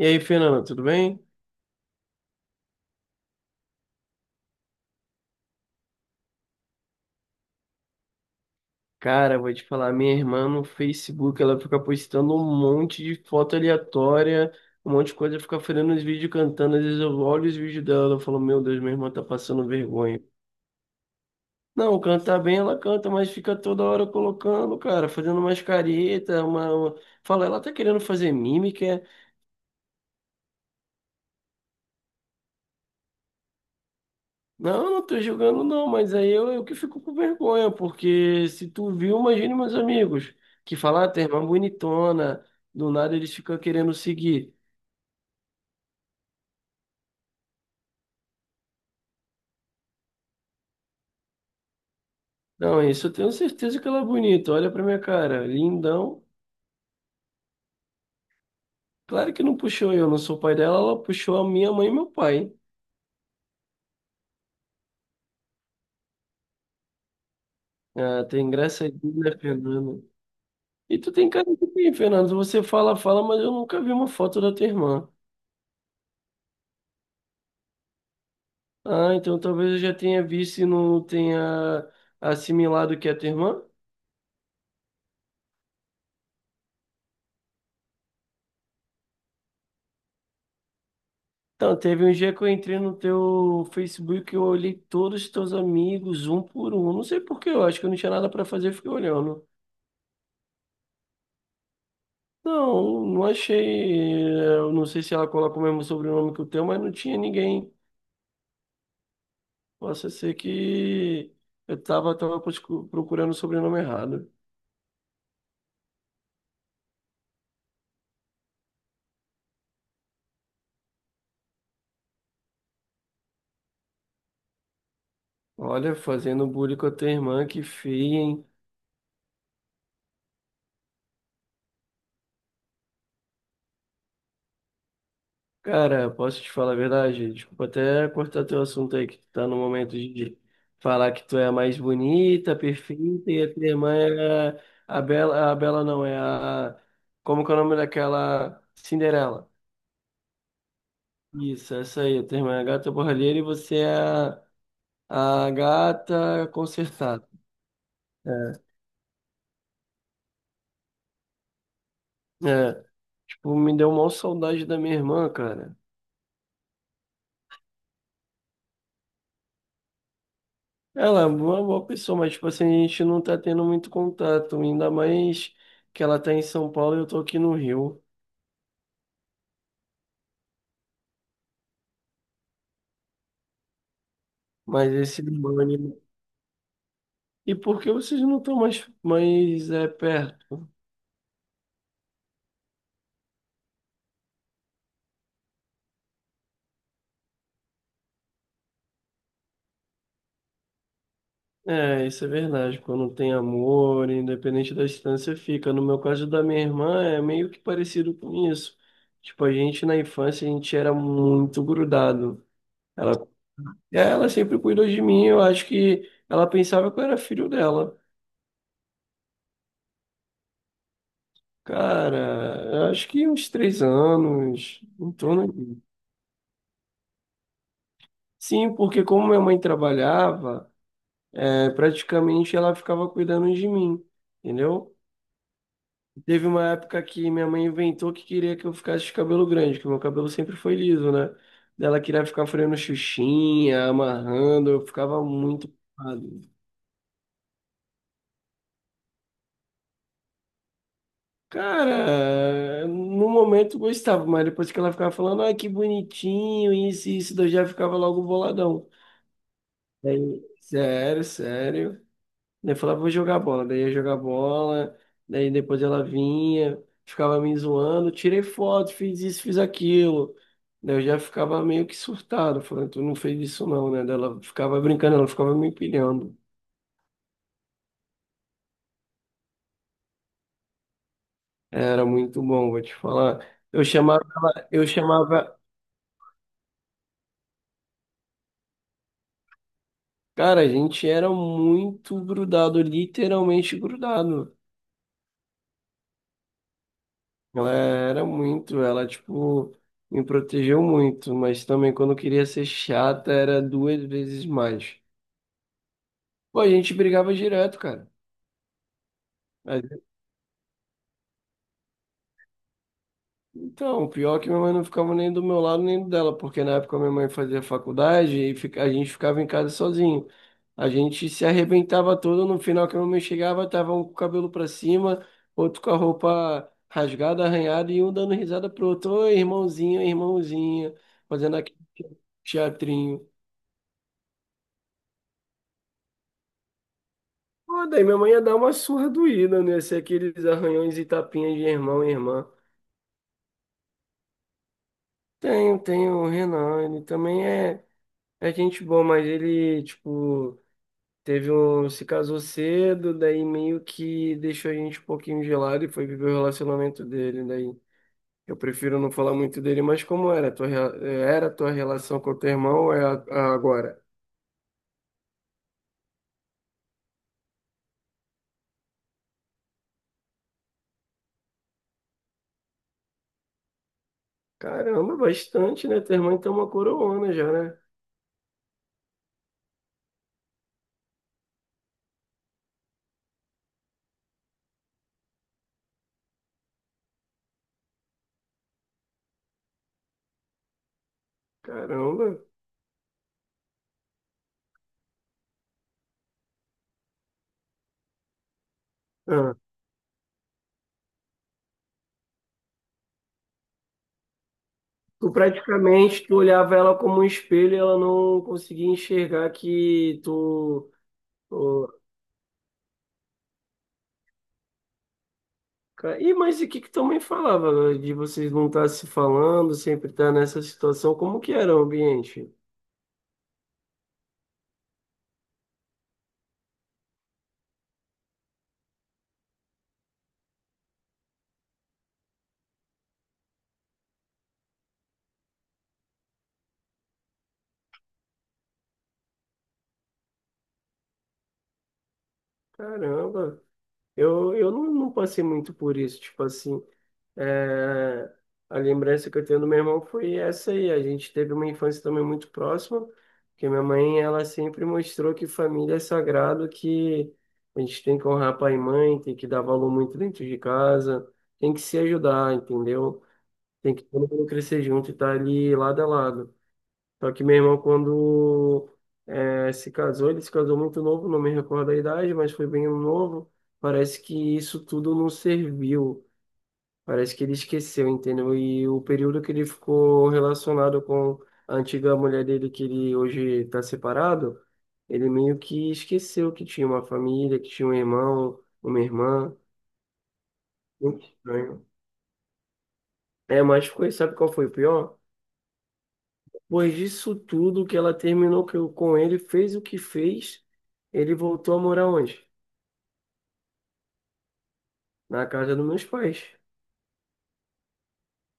E aí, Fernanda, tudo bem? Cara, vou te falar, minha irmã no Facebook, ela fica postando um monte de foto aleatória, um monte de coisa, fica fazendo os vídeos cantando. Às vezes eu olho os vídeos dela e falo, meu Deus, minha irmã tá passando vergonha. Não, cantar bem ela canta, mas fica toda hora colocando, cara, fazendo umas caretas, fala, ela tá querendo fazer mímica. Não, eu não tô julgando não, mas aí eu que fico com vergonha, porque se tu viu, imagine meus amigos, que falam, ah, tem irmã bonitona, do nada eles ficam querendo seguir. Não, isso eu tenho certeza que ela é bonita, olha pra minha cara, lindão. Claro que não puxou eu, não sou pai dela, ela puxou a minha mãe e meu pai, hein? Ah, tem graça aí, né, Fernando? E tu tem cara de quem, Fernando? Você fala, fala, mas eu nunca vi uma foto da tua irmã. Ah, então talvez eu já tenha visto e não tenha assimilado que é a tua irmã? Então, teve um dia que eu entrei no teu Facebook e eu olhei todos os teus amigos, um por um. Não sei por quê, eu acho que eu não tinha nada pra fazer, eu fiquei olhando. Não, não achei. Eu não sei se ela coloca o mesmo sobrenome que o teu, mas não tinha ninguém. Possa ser que eu procurando o sobrenome errado. Olha, fazendo bullying com a tua irmã, que feia, hein? Cara, posso te falar a verdade? Desculpa até cortar teu assunto aí, que tu tá no momento de falar que tu é a mais bonita, perfeita, e a tua irmã é a Bela, a Bela não, é a... Como que é o nome daquela? Cinderela. Isso, essa aí, a tua irmã é a gata borralheira e você é a gata consertada. É, é, tipo, me deu uma saudade da minha irmã, cara. Ela é uma boa pessoa, mas tipo assim, a gente não tá tendo muito contato, ainda mais que ela tá em São Paulo e eu tô aqui no Rio. Mas esse ânimo. E por que vocês não estão perto? É, isso é verdade. Quando tem amor, independente da distância, fica. No meu caso da minha irmã, é meio que parecido com isso. Tipo, a gente na infância, a gente era muito grudado. Ela, ela sempre cuidou de mim, eu acho que ela pensava que eu era filho dela. Cara, eu acho que uns três anos, em torno disso. Sim, porque como minha mãe trabalhava, é, praticamente ela ficava cuidando de mim, entendeu? Teve uma época que minha mãe inventou que queria que eu ficasse de cabelo grande, que meu cabelo sempre foi liso, né? Daí ela queria ficar freando xuxinha, amarrando, eu ficava muito preocupado. Cara, no momento eu gostava, mas depois que ela ficava falando, ai, que bonitinho, isso e isso, daí eu já ficava logo boladão. Daí, sério, sério. Daí eu falava, vou jogar bola. Daí eu ia jogar bola. Daí depois ela vinha, ficava me zoando. Tirei foto, fiz isso, fiz aquilo. Daí eu já ficava meio que surtado, falando, tu não fez isso não, né? Daí ela ficava brincando, ela ficava me empilhando. Era muito bom, vou te falar. Eu chamava. Cara, a gente era muito grudado, literalmente grudado. Ela era muito, ela, tipo, me protegeu muito, mas também quando eu queria ser chata era duas vezes mais. Pô, a gente brigava direto, cara. Mas, Então, o pior é que minha mãe não ficava nem do meu lado nem do dela, porque na época minha mãe fazia faculdade e a gente ficava em casa sozinho. A gente se arrebentava todo, no final que a minha mãe chegava, tava um com o cabelo pra cima, outro com a roupa rasgada, arranhada e um dando risada pro outro, oi, irmãozinho, irmãozinha, fazendo aquele teatrinho. Pô, daí minha mãe ia dar uma surra doída, né? Ser aqueles arranhões e tapinhas de irmão e irmã. Tem o Renan, ele também é, é gente boa, mas ele, tipo, teve um, se casou cedo, daí meio que deixou a gente um pouquinho gelado e foi viver o relacionamento dele. Daí eu prefiro não falar muito dele, mas como era a era a tua relação com o teu irmão ou é a agora? Caramba, bastante, né? Teu irmão então é uma coroona já, né? Caramba. Ah. Tu praticamente tu olhava ela como um espelho e ela não conseguia enxergar que tu. o- E mas e que tua mãe falava, né, de vocês não estar se falando, sempre estar nessa situação? Como que era o ambiente? Caramba, eu não, não passei muito por isso, tipo assim. É, a lembrança que eu tenho do meu irmão foi essa aí. A gente teve uma infância também muito próxima, porque minha mãe, ela sempre mostrou que família é sagrado, que a gente tem que honrar pai e mãe, tem que dar valor muito dentro de casa, tem que se ajudar, entendeu? Tem que todo mundo crescer junto e estar ali lado a lado. Só que meu irmão, quando se casou, ele se casou muito novo, não me recordo a idade, mas foi bem novo. Parece que isso tudo não serviu. Parece que ele esqueceu, entendeu? E o período que ele ficou relacionado com a antiga mulher dele, que ele hoje está separado, ele meio que esqueceu que tinha uma família, que tinha um irmão, uma irmã. Muito estranho. É, mas ficou, sabe qual foi o pior? Depois disso tudo que ela terminou que eu- com ele, fez o que fez, ele voltou a morar onde? Na casa dos meus pais.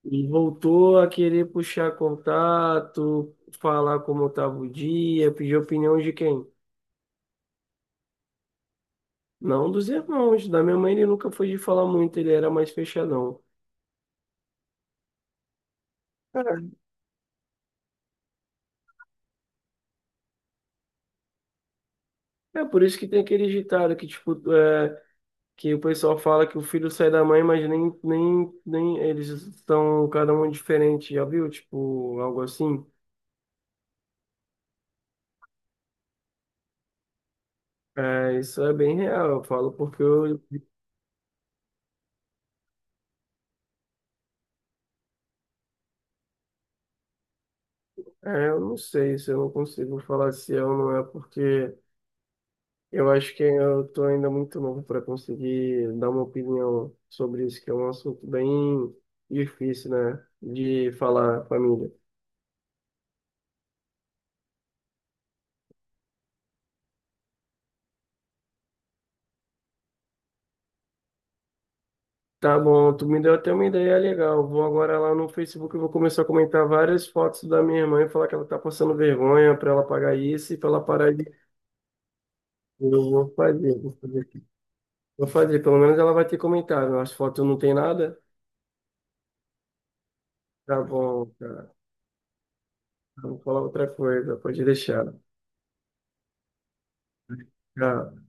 E voltou a querer puxar contato, falar como estava o dia, pedir opinião de quem? Não, dos irmãos. Da minha mãe ele nunca foi de falar muito, ele era mais fechadão. É é por isso que tem aquele ditado que, tipo, é, que o pessoal fala que o filho sai da mãe, mas nem eles estão cada um diferente, já viu? Tipo, algo assim. É, isso é bem real, eu falo porque eu não sei se eu não consigo falar se é ou não é porque. Eu acho que eu estou ainda muito novo para conseguir dar uma opinião sobre isso, que é um assunto bem difícil, né, de falar, família. Tá bom, tu me deu até uma ideia legal. Vou agora lá no Facebook e vou começar a comentar várias fotos da minha irmã e falar que ela tá passando vergonha para ela pagar isso e para ela parar de. Eu vou fazer, vou fazer aqui. Vou fazer, pelo menos ela vai ter comentado. As fotos não tem nada? Tá bom, cara. Vou falar outra coisa, pode deixar. Tchau.